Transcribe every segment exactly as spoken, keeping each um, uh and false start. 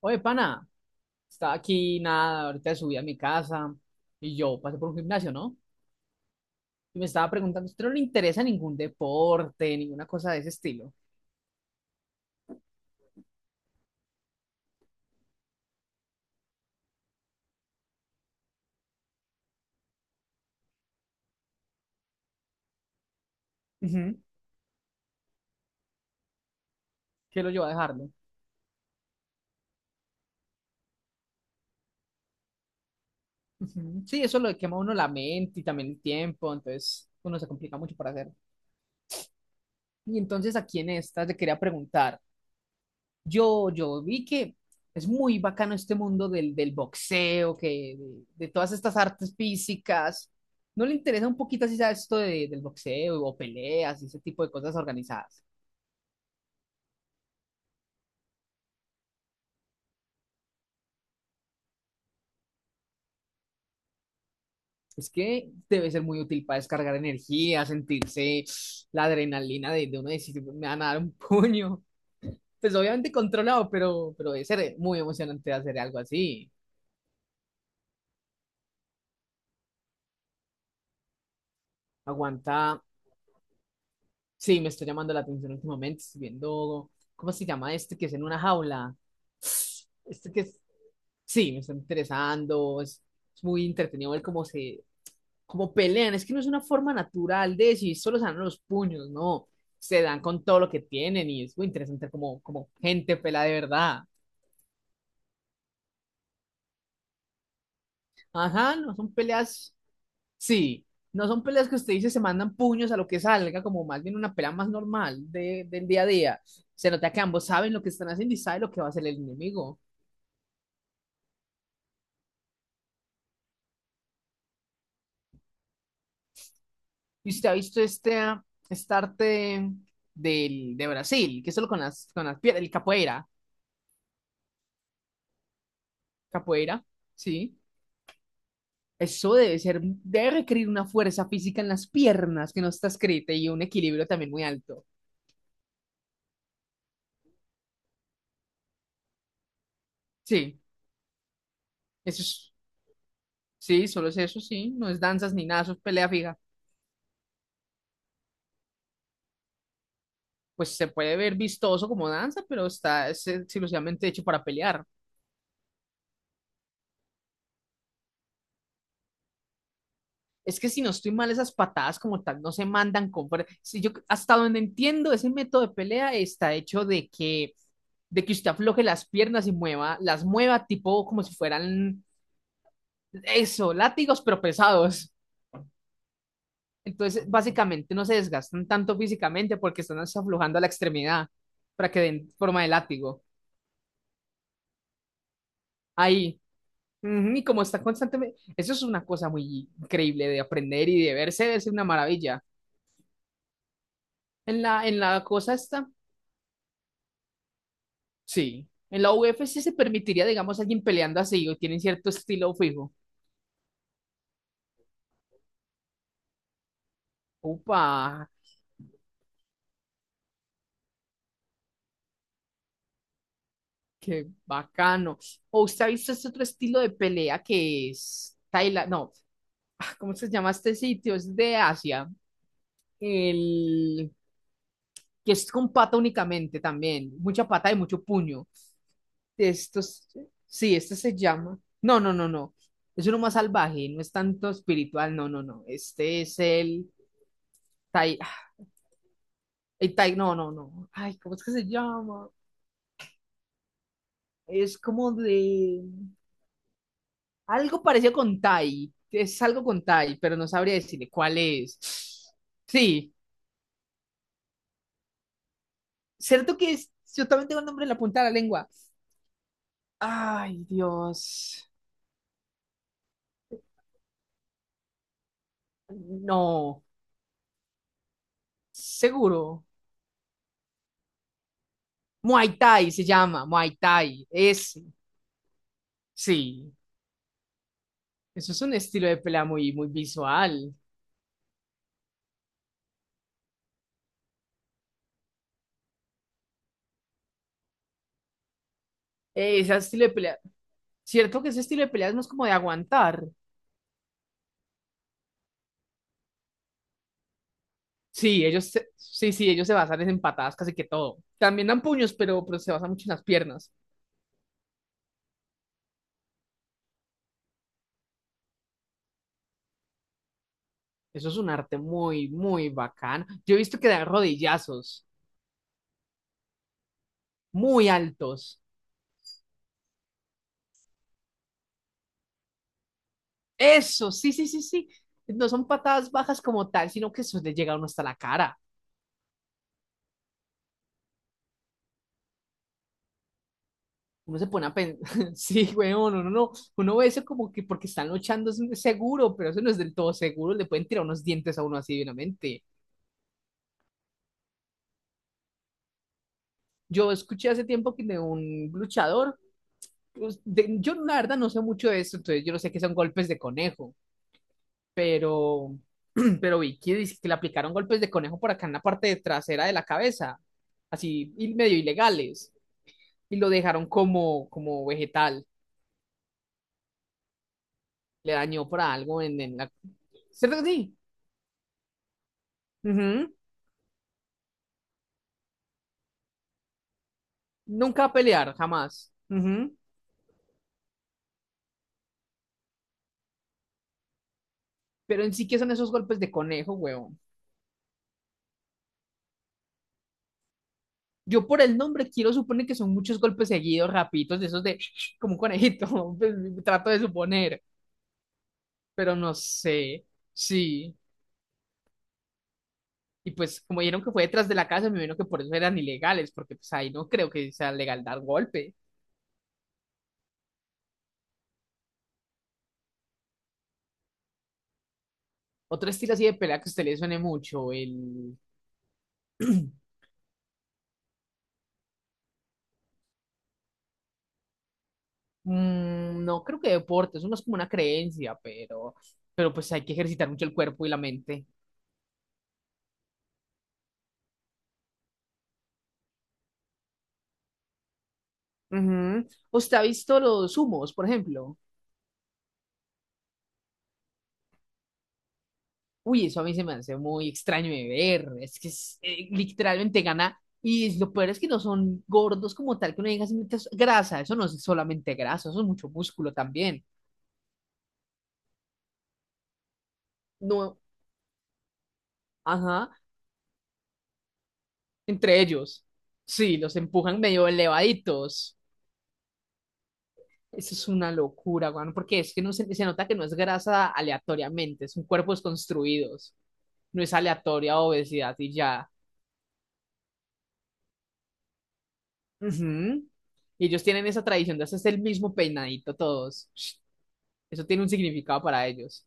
Oye, pana, estaba aquí, nada, ahorita subí a mi casa y yo pasé por un gimnasio, ¿no? Y me estaba preguntando, ¿usted no le interesa ningún deporte, ninguna cosa de ese estilo? Ujú. ¿Qué lo llevó a dejarlo? Ujú. Sí, eso lo quema a uno la mente y también el tiempo, entonces uno se complica mucho para hacer. Y entonces aquí en esta te quería preguntar, yo, yo vi que es muy bacano este mundo del, del boxeo, que de, de todas estas artes físicas. ¿No le interesa un poquito así, sabes, esto de- del boxeo o peleas y ese tipo de cosas organizadas? Es que debe ser muy útil para descargar energía, sentirse la adrenalina de, de uno decir, me van a dar un puño. Pues obviamente controlado, pero, pero debe ser muy emocionante hacer algo así. Aguanta. Sí, me está llamando la atención últimamente. Estoy viendo, ¿cómo se llama este que es en una jaula? Este que es, sí, me está interesando. Es, es muy entretenido ver cómo se, cómo pelean. Es que no es una forma natural de decir, solo se dan los puños, no. Se dan con todo lo que tienen y es muy interesante como, como gente pelea de verdad. Ajá, no son peleas. Sí, no son peleas que usted dice se mandan puños a lo que salga, como más bien una pelea más normal de, del día a día. Se nota que ambos saben lo que están haciendo y saben lo que va a hacer el enemigo. Y usted ha visto este, ah, este arte del, de Brasil, que es solo con las, con las piernas, el capoeira. Capoeira, sí. Eso debe ser, debe requerir una fuerza física en las piernas que no está escrita y un equilibrio también muy alto. Sí, eso es, sí, solo es eso, sí. No es danzas ni nada, eso es pelea fija. Pues se puede ver vistoso como danza, pero está es exclusivamente hecho para pelear. Es que si no estoy mal, esas patadas como tal no se mandan con... fuer- Si yo, hasta donde entiendo, ese método de pelea está hecho de que, de que usted afloje las piernas y mueva, las mueva tipo como si fueran eso, látigos, pero pesados. Entonces, básicamente no se desgastan tanto físicamente porque están aflojando a la extremidad para que den forma de látigo. Ahí. Ujú. Y como está constantemente, eso es una cosa muy increíble de aprender y de verse, es una maravilla. En la, en la cosa esta, sí. En la U F C se permitiría, digamos, alguien peleando así o tienen cierto estilo fijo. Upa, qué bacano. O usted ha visto este otro estilo de pelea que es Tailandia, no, ¿cómo se llama este sitio? Es de Asia. El que es con pata únicamente también, mucha pata y mucho puño. Esto es- sí, este se llama. No, no, no, no. Es uno más salvaje, no es tanto espiritual, no, no, no. Este es el Tai, el tai, no, no, no. Ay, ¿cómo es que se llama? Es como de algo parecido con Tai. Es algo con Tai, pero no sabría decirle cuál es. Sí, cierto que es, yo también tengo el nombre en la punta de la lengua. Ay, Dios. No, seguro. Muay Thai se llama, Muay Thai. Es, sí. Eso es un estilo de pelea muy, muy visual. Eh, ese estilo de pelea. Cierto que ese estilo de pelea es más como de aguantar. Sí, ellos se- sí, sí, ellos se basan en patadas casi que todo. También dan puños, pero, pero se basan mucho en las piernas. Eso es un arte muy, muy bacán. Yo he visto que dan rodillazos muy altos. Eso, sí, sí, sí, sí. No son patadas bajas como tal, sino que eso le llega a uno hasta la cara. Uno se pone a pensar, sí, weón, uno no, no, no. Uno ve eso como que porque están luchando es seguro, pero eso no es del todo seguro, le pueden tirar unos dientes a uno así divinamente. Yo escuché hace tiempo que de un luchador, pues, de- yo la verdad no sé mucho de eso, entonces yo no sé qué son golpes de conejo, pero, pero vi que dice que le aplicaron golpes de conejo por acá en la parte de trasera de la cabeza, así y medio ilegales, y lo dejaron como, como vegetal, le dañó por algo en, en la... ¿Cierto que sí? Ujú. Nunca a pelear, jamás. Ujú. Pero en sí que son esos golpes de conejo, huevón. Yo por el nombre quiero suponer que son muchos golpes seguidos, rapiditos, de esos de como un conejito. Pues, trato de suponer, pero no sé. Sí. Y pues como vieron que fue detrás de la casa, me imagino que por eso eran ilegales, porque pues ahí no creo que sea legal dar golpe. Otro estilo así de pelea que a usted le suene mucho, el... Mm, no creo que deporte, eso no es como una creencia, pero... Pero pues hay que ejercitar mucho el cuerpo y la mente. Ujú. ¿Usted ha visto los humos, por ejemplo? Uy, eso a mí se me hace muy extraño de ver. Es que es, eh, literalmente gana. Y lo peor es que no son gordos como tal, que uno diga "Sí, es grasa. Eso no es solamente grasa, eso es mucho músculo también". No, ajá, entre ellos. Sí, los empujan medio elevaditos. Eso es una locura, weón, porque es que no se, se nota que no es grasa aleatoriamente, es un cuerpo desconstruidos. No es aleatoria obesidad y ya. Ujú. Y ellos tienen esa tradición de hacerse el mismo peinadito todos. Eso tiene un significado para ellos.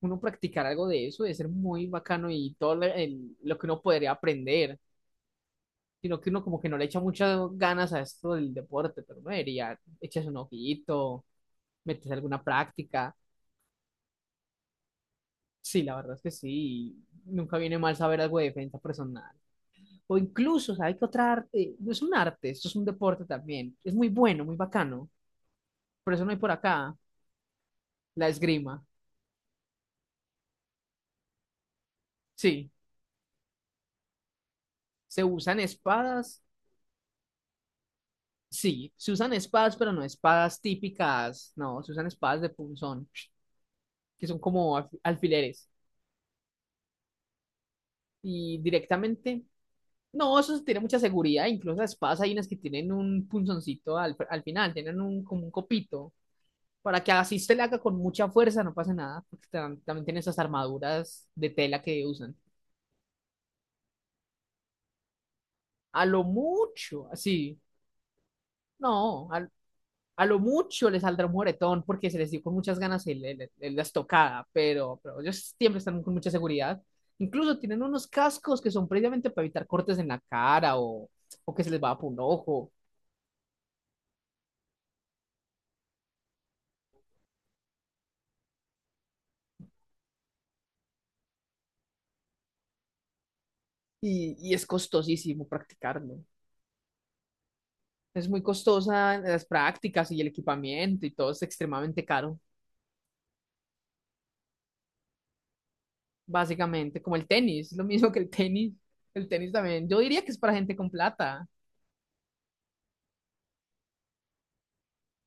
Uno practicar algo de eso debe ser muy bacano y todo lo el- lo que uno podría aprender, sino que uno como que no le echa muchas ganas a esto del deporte, pero no debería echarse un ojito, meterse alguna práctica. Sí, la verdad es que sí, nunca viene mal saber algo de defensa personal. O incluso, ¿sabes qué otra arte? No es un arte, esto es un deporte también. Es muy bueno, muy bacano. Por eso no hay por acá la esgrima. Sí, se usan espadas. Sí, se usan espadas, pero no espadas típicas. No, se usan espadas de punzón, que son como alf- alfileres. Y directamente, no, eso tiene mucha seguridad. Incluso las espadas hay unas que tienen un punzoncito al, al final, tienen un, como un copito, para que así se le haga con mucha fuerza, no pase nada, porque tam- también tienen esas armaduras de tela que usan. A lo mucho, así. No, a lo mucho les saldrá un moretón porque se les dio con muchas ganas el- el- el- la estocada, pero, pero ellos siempre están con mucha seguridad. Incluso tienen unos cascos que son previamente para evitar cortes en la cara o, o que se les va por un ojo. Y, y es costosísimo practicarlo. Es muy costosa las prácticas y el equipamiento y todo es extremadamente caro, básicamente, como el tenis, lo mismo que el tenis. El tenis también, yo diría que es para gente con plata.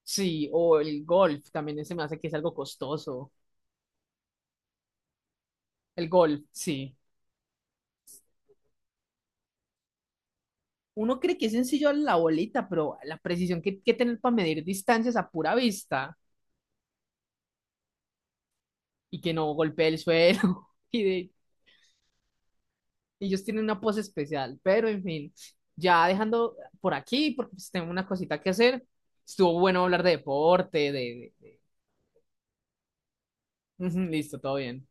Sí, o el golf también se me hace que es algo costoso. El golf, sí. Uno cree que es sencillo la bolita, pero la precisión que hay que tener para medir distancias a pura vista y que no golpee el suelo. Y de, ellos tienen una pose especial, pero en fin, ya dejando por aquí, porque pues tengo una cosita que hacer, estuvo bueno hablar de deporte, de, de- de- Listo, todo bien.